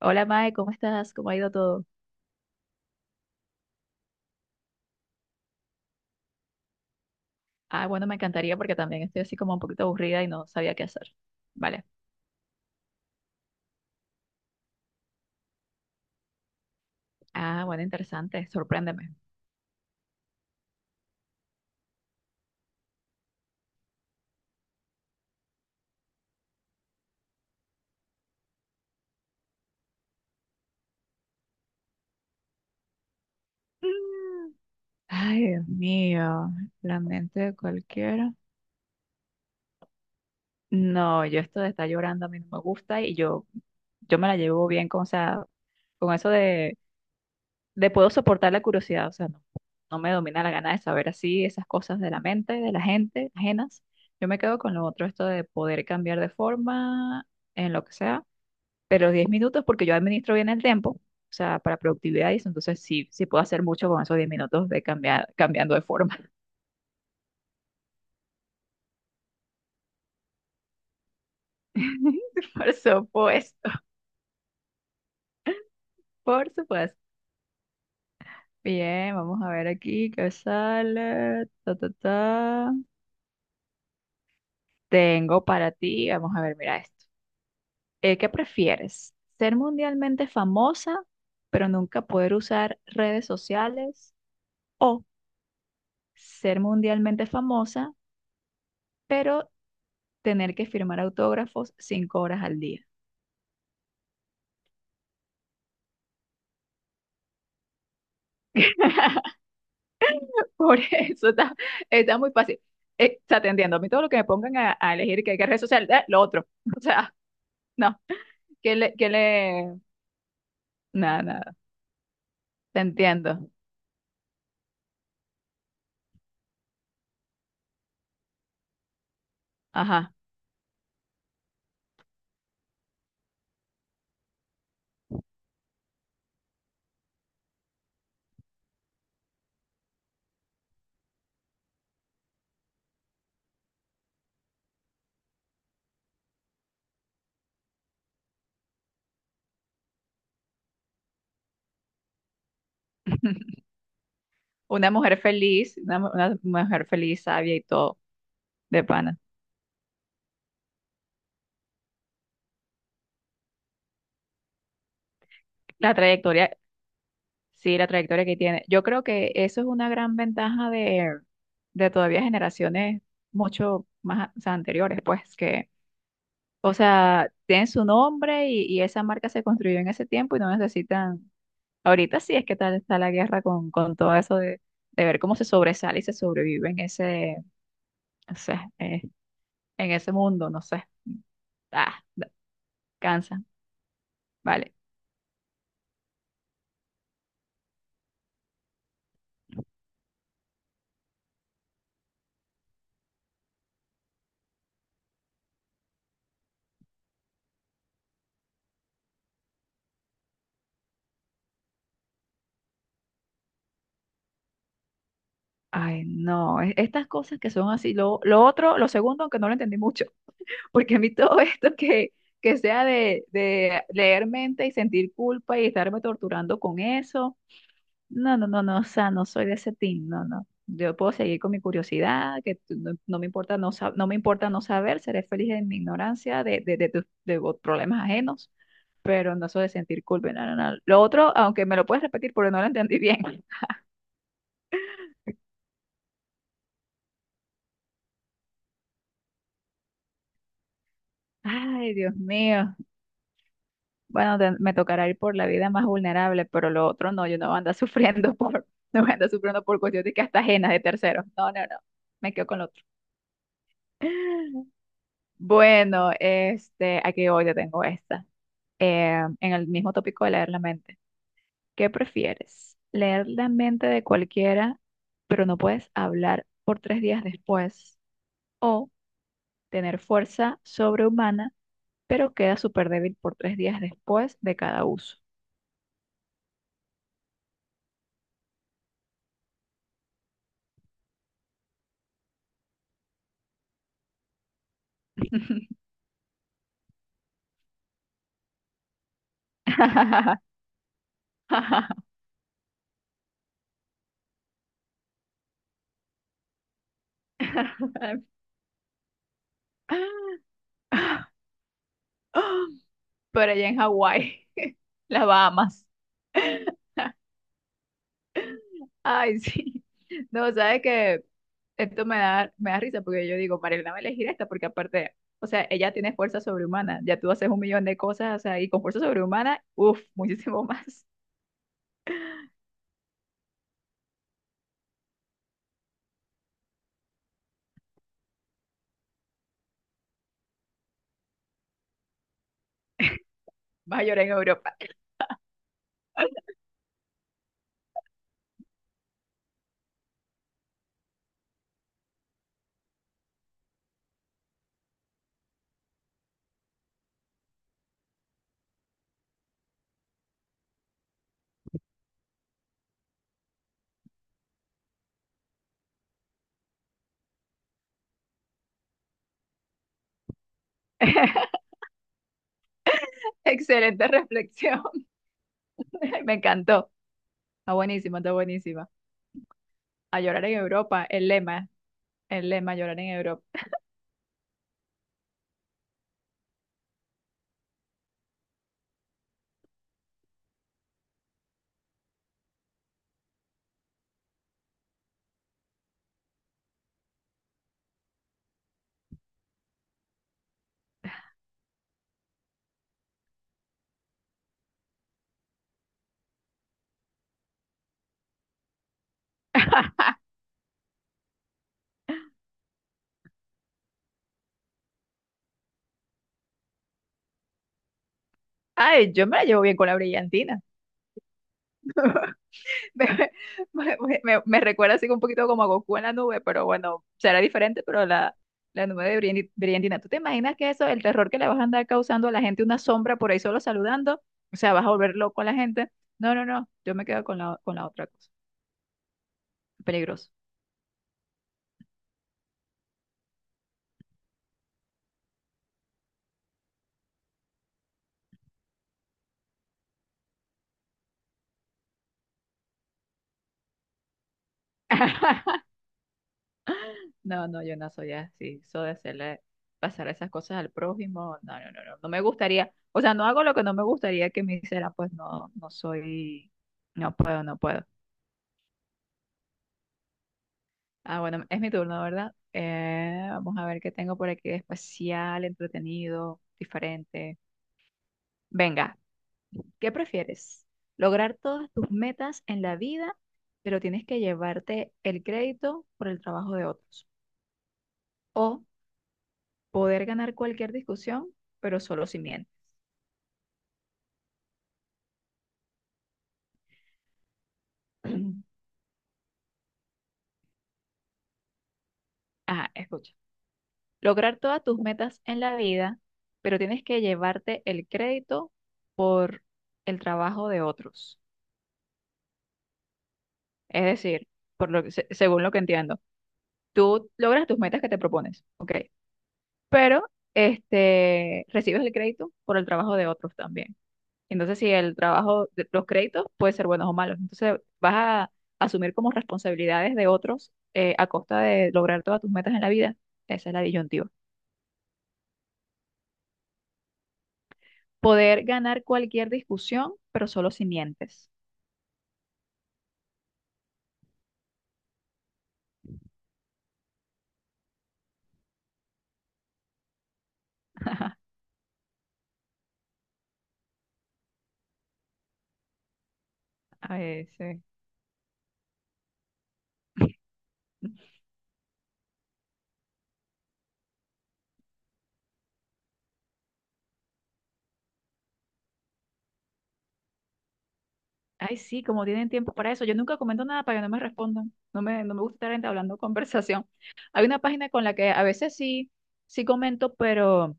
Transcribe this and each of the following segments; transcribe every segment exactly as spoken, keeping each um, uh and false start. Hola Mae, ¿cómo estás? ¿Cómo ha ido todo? Ah, bueno, me encantaría porque también estoy así como un poquito aburrida y no sabía qué hacer. Vale. Ah, bueno, interesante. Sorpréndeme. Mm. Ay, Dios mío, la mente de cualquiera. No, yo esto de estar llorando a mí no me gusta y yo, yo me la llevo bien con, o sea, con eso de, de puedo soportar la curiosidad, o sea, no, no me domina la gana de saber así esas cosas de la mente, de la gente, ajenas. Yo me quedo con lo otro, esto de poder cambiar de forma en lo que sea pero diez minutos porque yo administro bien el tiempo, o sea, para productividad y eso, entonces sí, sí puedo hacer mucho con esos diez minutos de cambiar, cambiando de forma. Por supuesto, por supuesto. Bien, vamos a ver aquí qué sale. Ta, ta, ta. Tengo para ti, vamos a ver, mira esto. Eh, ¿qué prefieres? ¿Ser mundialmente famosa, pero nunca poder usar redes sociales? ¿O ser mundialmente famosa, pero tener que firmar autógrafos cinco horas al día? Por eso está, está muy fácil. Eh, o sea, te entiendo. A mí todo lo que me pongan a, a elegir que, que red social, eh, lo otro. O sea, no. ¿Qué le, qué le? Nada, nada. Te entiendo. Ajá. Una mujer feliz, una, mu- una mujer feliz, sabia y todo, de pana. La trayectoria, sí, la trayectoria que tiene. Yo creo que eso es una gran ventaja de, de todavía generaciones mucho más, o sea, anteriores, pues, que o sea, tienen su nombre y, y esa marca se construyó en ese tiempo y no necesitan. Ahorita sí es que tal está la guerra con, con todo eso de, de ver cómo se sobresale y se sobrevive en ese, o sea, eh, en ese mundo, no sé. Ah, da- cansa. Vale. Ay, no, e- estas cosas que son así. Lo, lo otro, lo segundo, aunque no lo entendí mucho, porque a mí todo esto que, que sea de, de leer mente y sentir culpa y estarme torturando con eso. No, no, no, no, o sea, no soy de ese team, no, no. Yo puedo seguir con mi curiosidad, que tú- no, no me importa no, sa- no me importa no saber, seré feliz en mi ignorancia de, de, de, tus- de vos- problemas ajenos, pero no soy de sentir culpa, no, no, no. Lo otro, aunque me lo puedes repetir porque no lo entendí bien. Ay, Dios mío. Bueno, te- me tocará ir por la vida más vulnerable, pero lo otro no, yo no voy a andar sufriendo por, no voy a andar sufriendo por cuestiones que hasta ajenas de terceros. No, no, no, me quedo con lo otro. Bueno, este, aquí hoy yo tengo esta. Eh, en el mismo tópico de leer la mente. ¿Qué prefieres? ¿Leer la mente de cualquiera, pero no puedes hablar por tres días después? ¿O tener fuerza sobrehumana, pero queda súper débil por tres días después de cada uso? Pero allá en Hawái, las Bahamas. Ay, sí. No, ¿sabes qué? Esto me da, me da risa porque yo digo, Marielena va a elegir esta porque aparte, o sea, ella tiene fuerza sobrehumana, ya tú haces un millón de cosas, o sea, y con fuerza sobrehumana, uff, muchísimo más, vas a llorar en Europa. Excelente reflexión, me encantó, está buenísima, está buenísima. A llorar en Europa, el lema, el lema, llorar en Europa. Ay, yo me la llevo bien con la brillantina. Me, me- me- me- recuerda así un poquito como a Goku en la nube, pero bueno, será diferente, pero la, la nube de Brien- Briandina. ¿Tú te imaginas que eso, el terror que le vas a andar causando a la gente, una sombra por ahí solo saludando? O sea, vas a volver loco a la gente. No, no, no, yo me quedo con la, con la otra cosa. Peligroso. No, no, yo no soy así. Eso de hacerle pasar esas cosas al prójimo, no, no, no, no, no me gustaría. O sea, no hago lo que no me gustaría que me hicieran, pues no, no soy, no puedo, no puedo. Ah, bueno, es mi turno, ¿verdad? Eh, vamos a ver qué tengo por aquí de especial, entretenido, diferente. Venga, ¿qué prefieres? ¿Lograr todas tus metas en la vida, pero tienes que llevarte el crédito por el trabajo de otros? ¿O poder ganar cualquier discusión, pero solo si mientes? Ajá, escucha. Lograr todas tus metas en la vida, pero tienes que llevarte el crédito por el trabajo de otros. Es decir, por lo que, se- según lo que entiendo. Tú logras tus metas que te propones, ok, pero este, recibes el crédito por el trabajo de otros también. Entonces, si el trabajo, de- los créditos pueden ser buenos o malos, entonces vas a asumir como responsabilidades de otros eh, a costa de lograr todas tus metas en la vida. Esa es la disyuntiva. Poder ganar cualquier discusión, pero solo si mientes. Ay, sí. Ay, sí, como tienen tiempo para eso. Yo nunca comento nada para que no me respondan. No me, no me gusta estar entablando conversación. Hay una página con la que a veces sí, sí comento, pero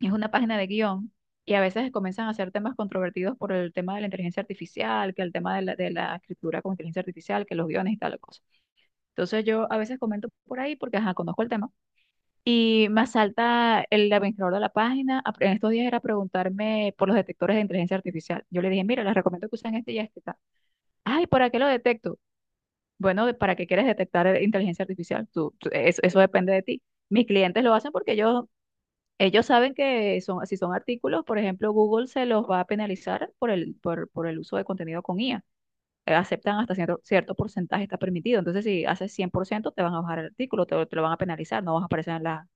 es una página de guión y a veces comienzan a hacer temas controvertidos por el tema de la inteligencia artificial, que el tema de la, de la escritura con inteligencia artificial, que los guiones y tal cosa. Entonces yo a veces comento por ahí porque ajá, conozco el tema y me salta el administrador de la página. a- En estos días era preguntarme por los detectores de inteligencia artificial. Yo le dije, mira, les recomiendo que usen este y este. Ay, ¿para qué lo detecto? Bueno, de- ¿para qué quieres detectar eh, inteligencia artificial? Tú, tú- es- eso, depende de ti. Mis clientes lo hacen porque ellos, ellos saben que son, si son artículos, por ejemplo, Google se los va a penalizar por el, por, por el uso de contenido con I A. Eh, Aceptan hasta cierto, cierto porcentaje, está permitido. Entonces, si haces cien por ciento te van a bajar el artículo, te, lo te lo van a penalizar, no vas a aparecer en, la,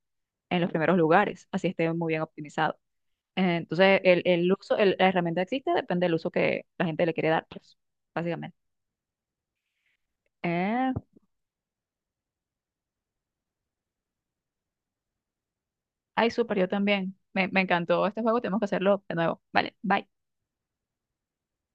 en los primeros lugares, así esté muy bien optimizado. Eh, Entonces, el, el uso, el- la herramienta existe, depende del uso que la gente le quiere dar, pues, básicamente. Eh, Ay, súper, yo también. Me, me encantó este juego, tenemos que hacerlo de nuevo. Vale, bye.